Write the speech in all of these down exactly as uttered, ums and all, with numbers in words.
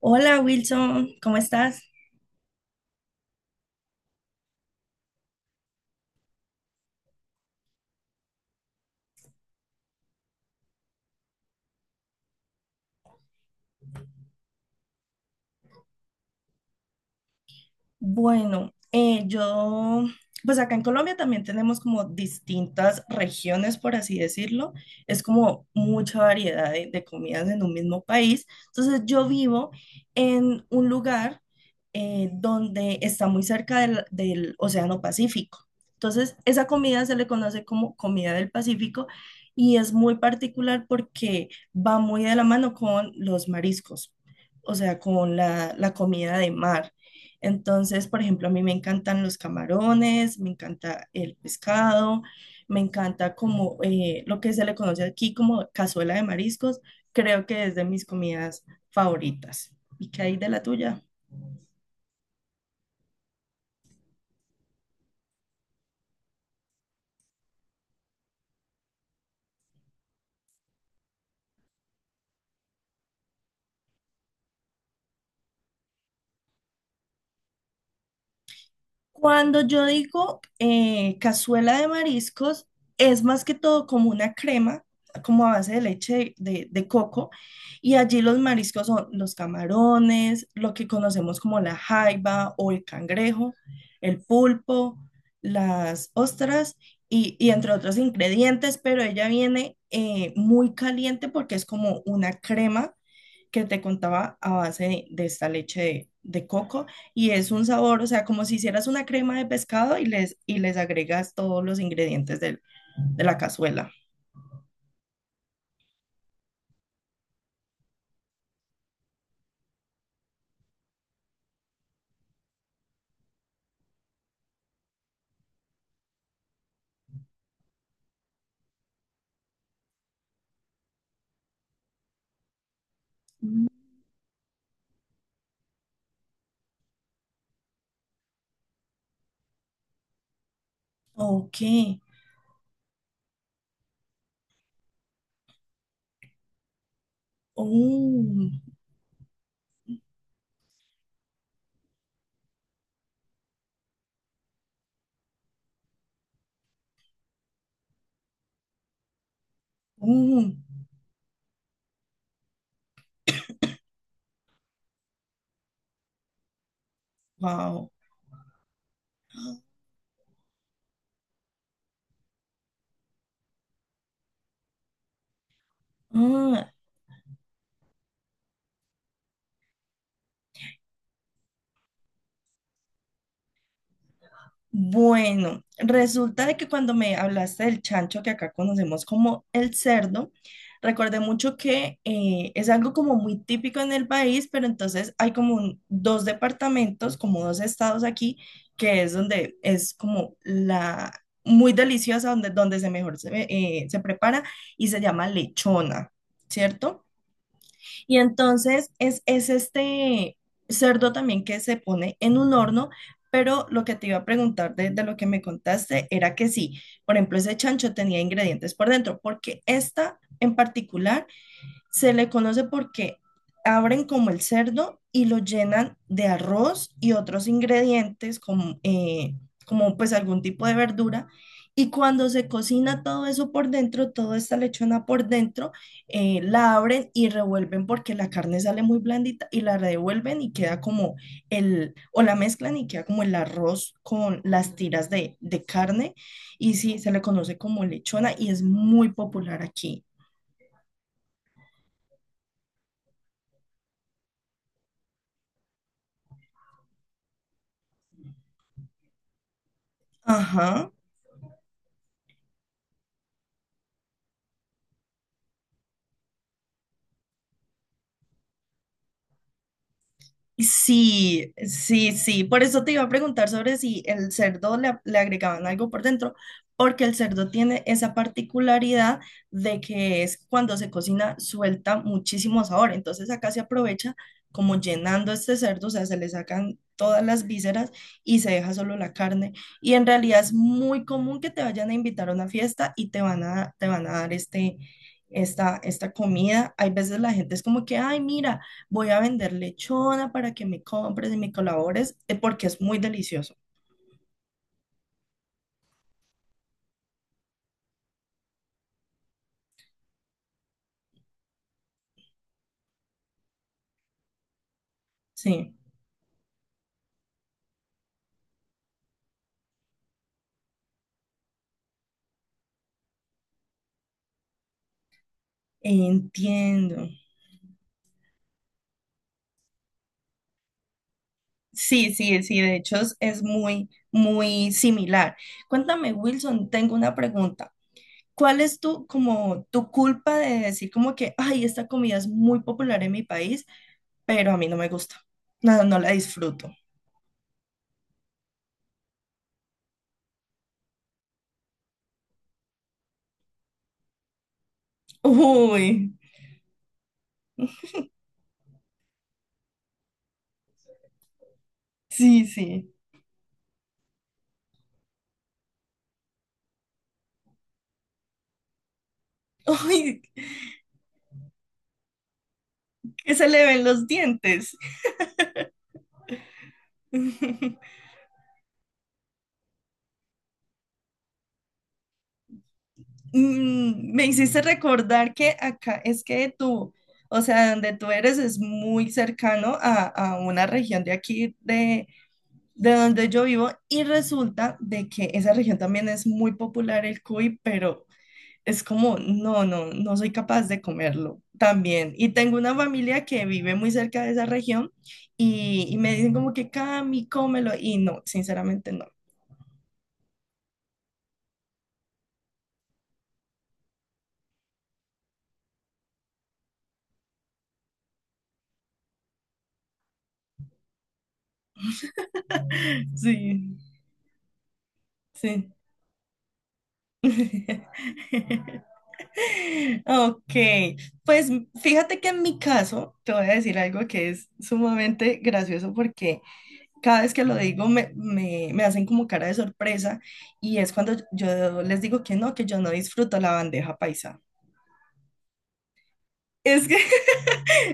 Hola Wilson, ¿cómo estás? Bueno, eh, yo, pues acá en Colombia también tenemos como distintas regiones, por así decirlo. Es como mucha variedad de, de comidas en un mismo país. Entonces yo vivo en un lugar eh, donde está muy cerca del, del Océano Pacífico. Entonces esa comida se le conoce como comida del Pacífico y es muy particular porque va muy de la mano con los mariscos, o sea, con la la comida de mar. Entonces, por ejemplo, a mí me encantan los camarones, me encanta el pescado, me encanta como eh, lo que se le conoce aquí como cazuela de mariscos, creo que es de mis comidas favoritas. ¿Y qué hay de la tuya? Cuando yo digo eh, cazuela de mariscos, es más que todo como una crema, como a base de leche de, de- de coco, y allí los mariscos son los camarones, lo que conocemos como la jaiba o el cangrejo, el pulpo, las ostras y, y entre otros ingredientes, pero ella viene eh, muy caliente porque es como una crema que te contaba a base de, de esta leche de de coco y es un sabor, o sea, como si hicieras una crema de pescado y les, y les agregas todos los ingredientes del- de la cazuela. Mm. Ok. Oh, oh, wow. Ah, bueno, resulta de que cuando me hablaste del chancho, que acá conocemos como el cerdo, recordé mucho que eh, es algo como muy típico en el país, pero entonces hay como un- dos departamentos, como dos estados aquí, que es donde es como la muy deliciosa, donde, donde se mejor se, eh, se prepara y se llama lechona, ¿cierto? Y entonces es, es este cerdo también que se pone en un horno, pero lo que te iba a preguntar de, de lo que me contaste era que sí, por ejemplo, ese chancho tenía ingredientes por dentro, porque esta en particular se le conoce porque abren como el cerdo y lo llenan de arroz y otros ingredientes como, eh, como pues algún tipo de verdura. Y cuando se cocina todo eso por dentro, toda esta lechona por dentro, eh, la abren y revuelven porque la carne sale muy blandita y la revuelven y queda como el, o la mezclan y queda como el arroz con las tiras de, de carne. Y sí, se le conoce como lechona y es muy popular aquí. Ajá. Sí, sí, sí. Por eso te iba a preguntar sobre si el cerdo le, a- le agregaban algo por dentro, porque el cerdo tiene esa particularidad de que es cuando se cocina suelta muchísimo sabor. Entonces acá se aprovecha como llenando este cerdo, o sea, se le sacan todas las vísceras y se deja solo la carne. Y en realidad es muy común que te vayan a invitar a una fiesta y te van a, te van a dar este, esta, esta comida. Hay veces la gente es como que, ay, mira, voy a vender lechona para que me compres y me colabores, eh, porque es muy delicioso. Sí, entiendo. Sí, sí, sí, de hecho es, es muy, muy similar. Cuéntame, Wilson, tengo una pregunta. ¿Cuál es tu, como, tu culpa de decir como que, ay, esta comida es muy popular en mi país, pero a mí no me gusta? No, no la disfruto. Uy, sí, sí. Uy, que se le ven los dientes. Mm, me hiciste recordar que acá es que tú, o sea, donde tú eres es muy cercano a, a una región de aquí, de, de donde yo vivo, y resulta de que esa región también es muy popular el cuy, pero es como, no, no, no soy capaz de comerlo también. Y tengo una familia que vive muy cerca de esa región y, y me dicen como que, Cami, cómelo, y no, sinceramente no. Sí, sí. Ok, pues fíjate que en mi caso te voy a decir algo que es sumamente gracioso porque cada vez que lo digo me, me, me hacen como cara de sorpresa y es cuando yo les digo que no, que yo no disfruto la bandeja paisa. Es que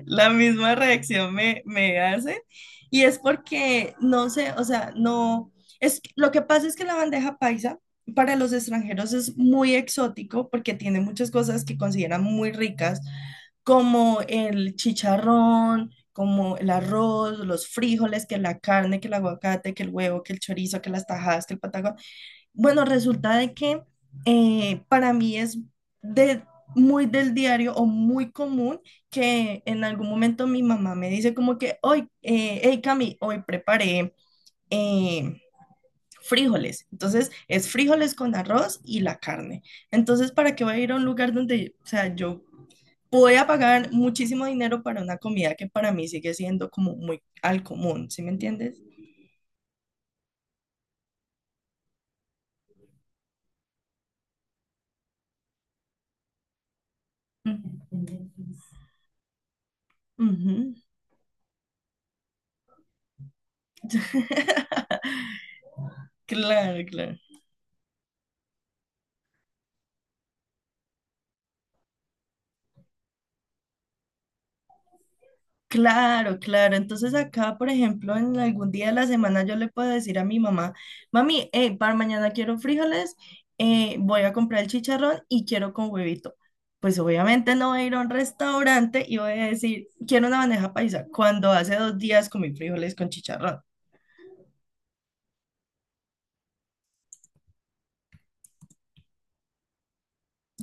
la misma reacción me, me hace. Y es porque, no sé, o sea, no, es, lo que pasa es que la bandeja paisa para los extranjeros es muy exótico porque tiene muchas cosas que consideran muy ricas, como el chicharrón, como el arroz, los frijoles, que la carne, que el aguacate, que el huevo, que el chorizo, que las tajadas, que el patagón. Bueno, resulta de que eh, para mí es de, muy del diario o muy común que en algún momento mi mamá me dice como que hoy, eh, hey Cami, hoy preparé eh, frijoles. Entonces es frijoles con arroz y la carne. Entonces, ¿para qué voy a ir a un lugar donde, o sea, yo voy a pagar muchísimo dinero para una comida que para mí sigue siendo como muy al común, ¿sí me entiendes? Ujú. Ujú. Claro, claro. Claro, claro. Entonces acá, por ejemplo, en algún día de la semana yo le puedo decir a mi mamá, mami, eh, para mañana quiero frijoles, eh, voy a comprar el chicharrón y quiero con huevito. Pues obviamente no voy a ir a un restaurante y voy a decir, quiero una bandeja paisa, cuando hace dos días comí frijoles con chicharrón.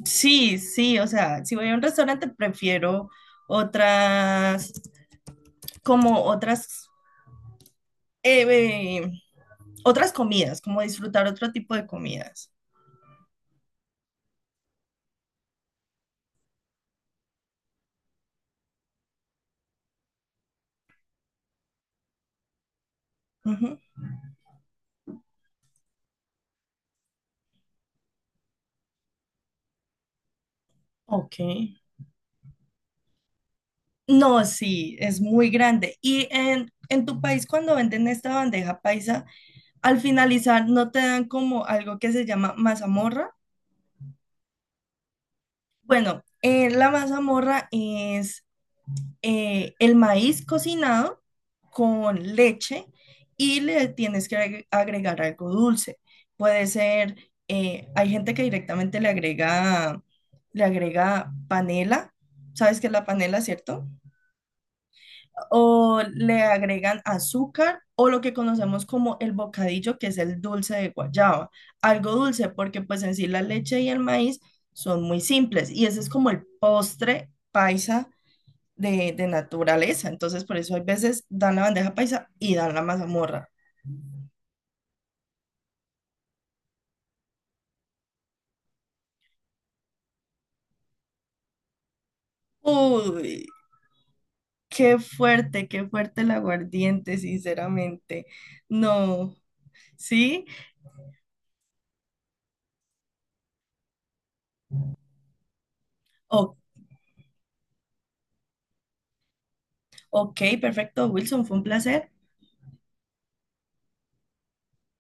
Sí, sí, o sea, si voy a un restaurante prefiero otras, como otras, eh, eh, otras comidas, como disfrutar otro tipo de comidas. Ok. No, sí, es muy grande. Y en, en tu país, cuando venden esta bandeja paisa, al finalizar no te dan como algo que se llama mazamorra. Bueno, eh, la mazamorra es eh, el maíz cocinado con leche y le tienes que agre- agregar algo dulce. Puede ser, eh, hay gente que directamente le agrega, le agrega panela. ¿Sabes qué es la panela, cierto? O le agregan azúcar o lo que conocemos como el bocadillo, que es el dulce de guayaba. Algo dulce porque pues en sí la leche y el maíz son muy simples y ese es como el postre paisa de, de naturaleza. Entonces por eso hay veces dan la bandeja paisa y dan la mazamorra. Uy, qué fuerte, qué fuerte el aguardiente, sinceramente. No, ¿sí? O- ok, perfecto, Wilson, fue un placer.